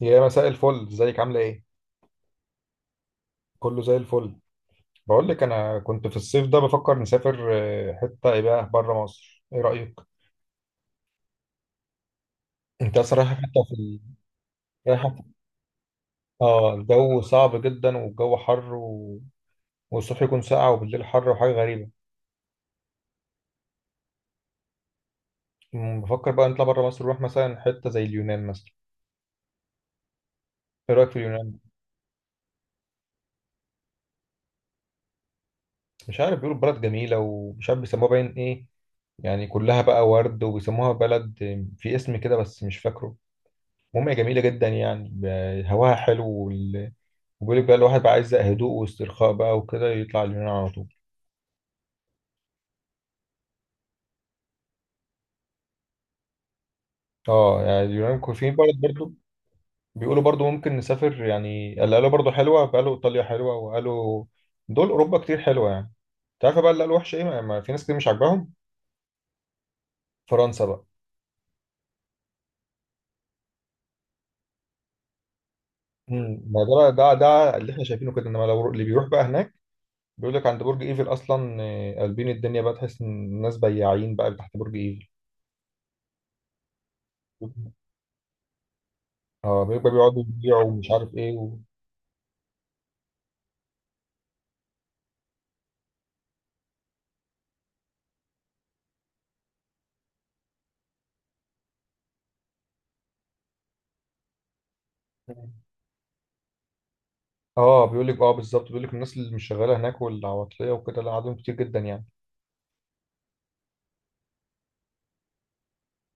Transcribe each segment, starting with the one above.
يا مساء الفل، ازيك عاملة ايه؟ كله زي الفل. بقول لك انا كنت في الصيف ده بفكر نسافر، حتة ايه بقى بره مصر، ايه رأيك؟ انت اصلا رايحة حتة في ال... رايحة في- اه الجو صعب جدا، والجو حر والصبح يكون ساقع وبالليل حر، وحاجة غريبة. بفكر بقى نطلع بره مصر، نروح مثلا حتة زي اليونان مثلا. ايه رأيك في اليونان؟ مش عارف، بيقولوا بلد جميلة ومش عارف بيسموها باين ايه، يعني كلها بقى ورد وبيسموها بلد، في اسم كده بس مش فاكره. المهم هي جميلة جدا، يعني هواها حلو. وبيقول لك بقى الواحد بقى عايز هدوء واسترخاء بقى وكده يطلع اليونان على طول. اه، يعني اليونان في بلد برضو. بيقولوا برضو ممكن نسافر، يعني اللي قالوا برضو حلوة، قالوا إيطاليا حلوة، وقالوا دول أوروبا كتير حلوة يعني. انت عارفة بقى اللي قالوا وحشة إيه، ما في ناس كتير مش عاجباهم فرنسا بقى. ما ده بقى، ده اللي احنا شايفينه كده، انما لو اللي بيروح بقى هناك بيقول لك عند برج ايفل اصلا، قلبين الدنيا بقى، تحس ان الناس بياعين بقى تحت برج ايفل. اه، بيبقى بيقعدوا يبيعوا ومش عارف ايه اه، بيقول لك بالظبط، بيقول لك الناس اللي مش شغاله هناك والعواطليه وكده، لا عددهم كتير جدا يعني.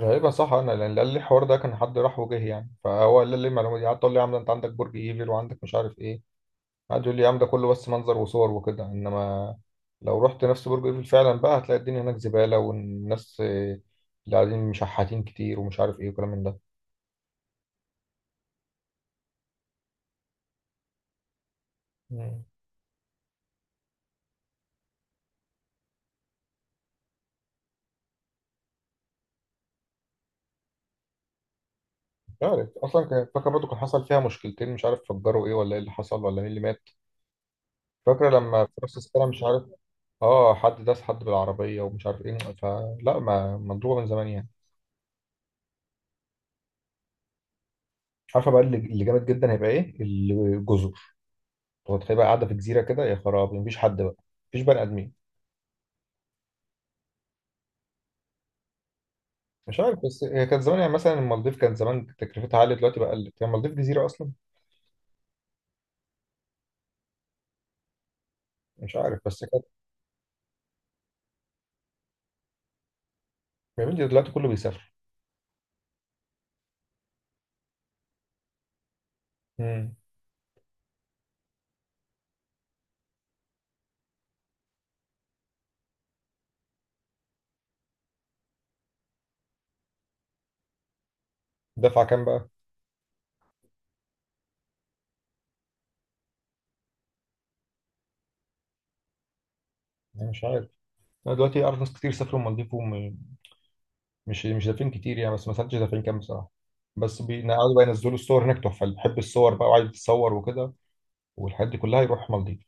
غالبا صح، انا لان اللي قال لي الحوار ده كان حد راح وجه يعني، فهو قال لي المعلومه دي، قعدت اقول لي يا عم ده انت عندك برج ايفل وعندك مش عارف ايه، قعد يقول لي يا عم ده كله بس منظر وصور وكده، انما لو رحت نفس برج ايفل فعلا بقى هتلاقي الدنيا هناك زباله، والناس، اللي قاعدين مشحاتين كتير ومش عارف ايه وكلام من ده. مم. مش عارف اصلا، فاكر برضه كان حصل فيها مشكلتين، مش عارف فجروا ايه ولا ايه اللي حصل، ولا مين اللي مات. فاكرة لما في نص السنة مش عارف. اه، حد داس حد بالعربية، ومش عارف ايه، فلا، ما مضروبة من زمان يعني. عارفة بقى اللي اللي جامد جدا هيبقى ايه؟ الجزر. هو تخيل بقى قاعدة في جزيرة كده، يا خرابي، مفيش حد بقى، مفيش بني آدمين. مش عارف، بس هي كانت زمان، يعني مثلا المالديف كان زمان تكلفتها عالية، دلوقتي بقى قلت هي المالديف جزيرة أصلا. مش عارف بس كانت. يا بنتي دلوقتي كله بيسافر. امم. دفع كام بقى؟ أنا مش عارف. أنا دلوقتي أعرف ناس كتير سافروا المالديف، مش دافعين كتير يعني، بس ما سالتش دافعين كام بصراحه. بس بيقعدوا بقى ينزلوا الصور هناك تحفه، اللي بيحب الصور بقى وعايز يتصور وكده، والحاجات دي كلها يروح مالديف.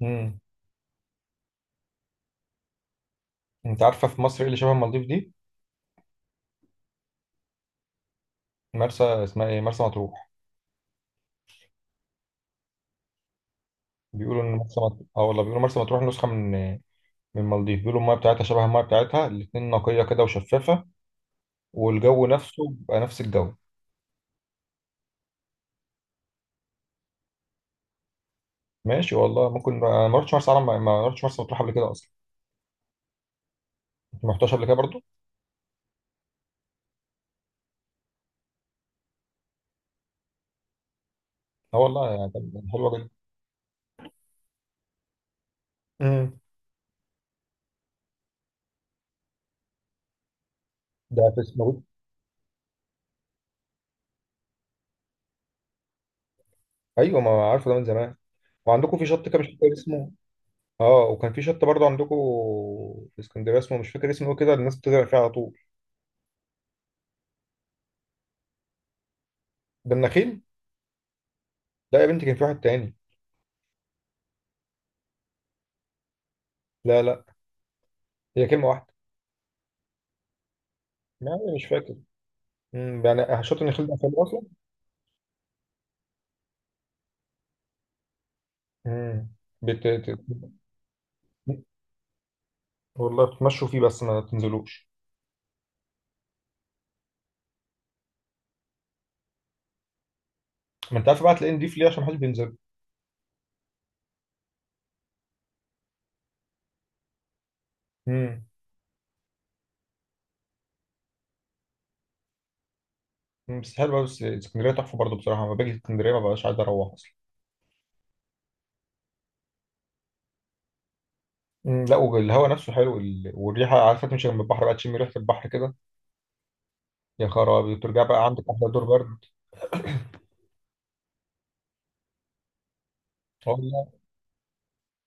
امم انت عارفه في مصر ايه اللي شبه مالديف دي؟ مرسى، اسمها ايه، مرسى مطروح. بيقولوا ان مرسى مطروح، اه والله، بيقولوا مرسى مطروح نسخه من، من مالديف. بيقولوا المايه بتاعتها شبه المايه بتاعتها الاتنين، نقيه كده وشفافه، والجو نفسه بقى نفس الجو. ماشي والله، ممكن انا ما رحتش مرسى علم، ما رحتش مرسى مطروح قبل كده اصلا. انت ما رحتهاش قبل كده برضو. اه والله، يعني كان حلوه جدا. امم. ده في اسمه إيه؟ ايوه، ما عارفه ده من زمان. وعندكم في شط كده مش فاكر اسمه. اه، وكان في شط برضه عندكم في اسكندريه، اسمه مش فاكر اسمه إيه كده، الناس بتغرق فيه على طول. ده النخيل. لا يا بنتي، كان في واحد تاني. لا لا، هي كلمه واحده. يعني مش فاكر. يعني شط النخيل ده فين اصلا؟ امم بت... بت- والله بتمشوا فيه بس ما تنزلوش. ما انت عارف بقى، تلاقيه نضيف ليه؟ عشان محدش بينزل. امم بس حلو، بس اسكندريه تحفه برضه بصراحه، لما باجي اسكندريه ما ببقاش عايز اروح اصلا. لا، والهواء نفسه حلو، والريحه، عارفه تمشي جنب البحر بقى، تشم ريحه البحر كده، يا خرابي، وترجع بقى عندك احلى دور برد. والله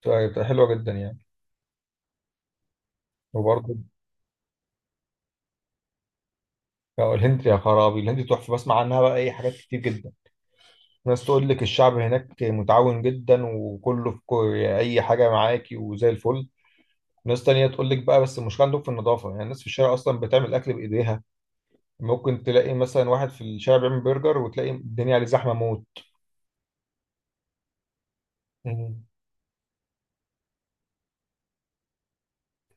بتبقى حلوه جدا يعني. وبرضه، بقى الهند، يا خرابي، الهند تحفه، بسمع عنها بقى اي حاجات كتير جدا. ناس تقول لك الشعب هناك متعاون جدا، وكله في اي حاجه معاكي وزي الفل. ناس تانية تقول لك بقى، بس المشكله عندهم في النظافه، يعني الناس في الشارع اصلا بتعمل اكل بايديها، ممكن تلاقي مثلا واحد في الشارع بيعمل برجر وتلاقي الدنيا عليه زحمه موت. مم.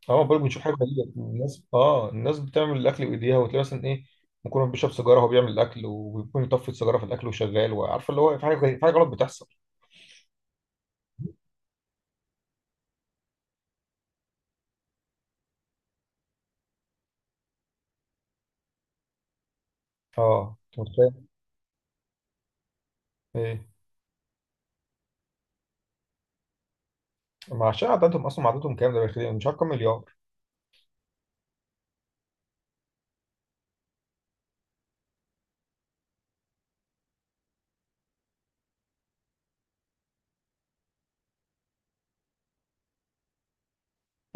اه، برضه بنشوف حاجه غريبه، الناس بتعمل الاكل بايديها، وتلاقي مثلا ايه، ممكن بيشرب سيجاره وهو بيعمل الاكل، وبيكون يطفي السيجاره في الاكل وشغال، وعارفه اللي هو في في حاجه غلط بتحصل. اه، انت متخيل ايه؟ ما عشان عددهم، اصلا عددهم كام؟ ده بالخير مش عارف كام مليار.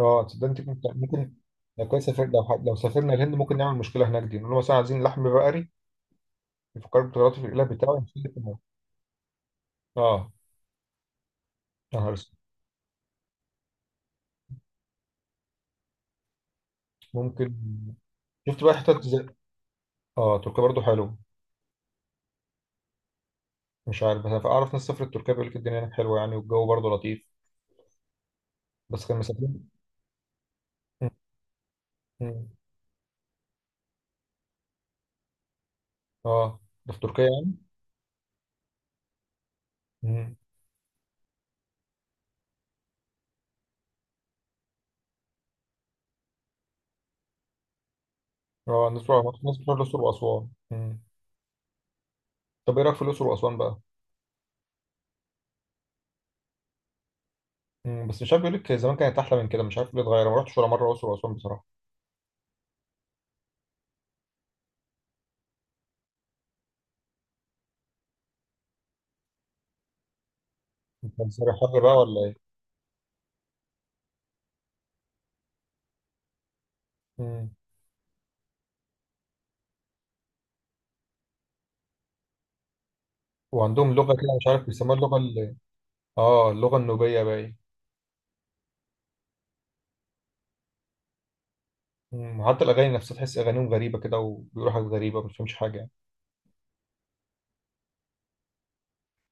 اه، تصدق، انت كنت ممكن، لو كان سافر، لو سافرنا الهند ممكن نعمل مشكله هناك، دي نقول له مثلا عايزين لحم بقري، يفكروا بطريقته في الاله بتاعه ونشيل في الموضوع. اه. يا نهار اسود. ممكن. شفت بقى حتت زي، اه تركيا برضه حلو. مش عارف، بس أنا اعرف ناس سافرت تركيا، بيقول لك الدنيا هناك حلوه يعني، والجو برضه لطيف. بس كان مسافرين. م- م. اه، ده في تركيا يعني. م. اه، الناس بتروح الاقصر واسوان. م. طب ايه رايك في الاقصر واسوان بقى؟ م. بس مش عارف، بيقول لك زمان كانت احلى من كده، مش عارف ليه اتغير. أنا ما رحتش ولا مره الاقصر واسوان بصراحه. انت مسافر حر بقى ولا ايه؟ م. وعندهم لغه كده مش عارف بيسموها اللغه ال... اه اللغه النوبيه باين. م. وحتى الاغاني نفسها تحس اغانيهم غريبه كده، وبيقولوا حاجات غريبه ما بتفهمش حاجه يعني.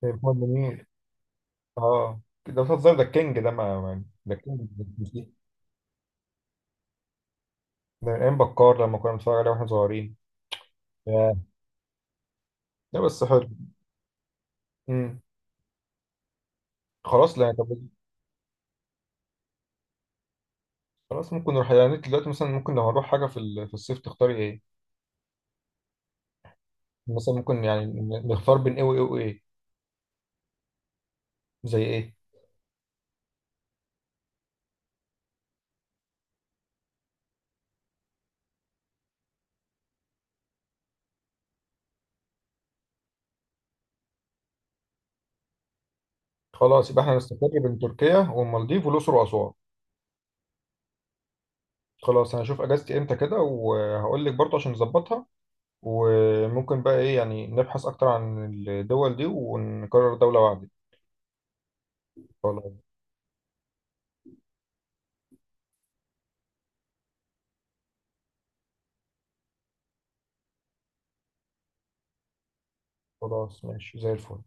طيب، محمد منير. اه، ده بتهزر، ده الكينج، ده ما ما- ده الكينج. ده من ايام بكار لما كنا بنتفرج عليه واحنا صغيرين. ياه. لا بس حلو. امم خلاص، لا، طب خلاص ممكن نروح يعني. انت دلوقتي مثلا، ممكن لو هنروح حاجه في في الصيف تختاري ايه؟ مثلا ممكن يعني نختار بين ايه وايه وايه؟ زي ايه؟ خلاص، يبقى احنا نستقر بين تركيا والمالديف والاقصر واسوان. خلاص، انا هشوف اجازتي امتى كده وهقول لك برضه عشان نظبطها، وممكن بقى ايه يعني، نبحث اكتر عن الدول دي ونقرر دوله واحده. خلاص. خلاص، ماشي زي الفل.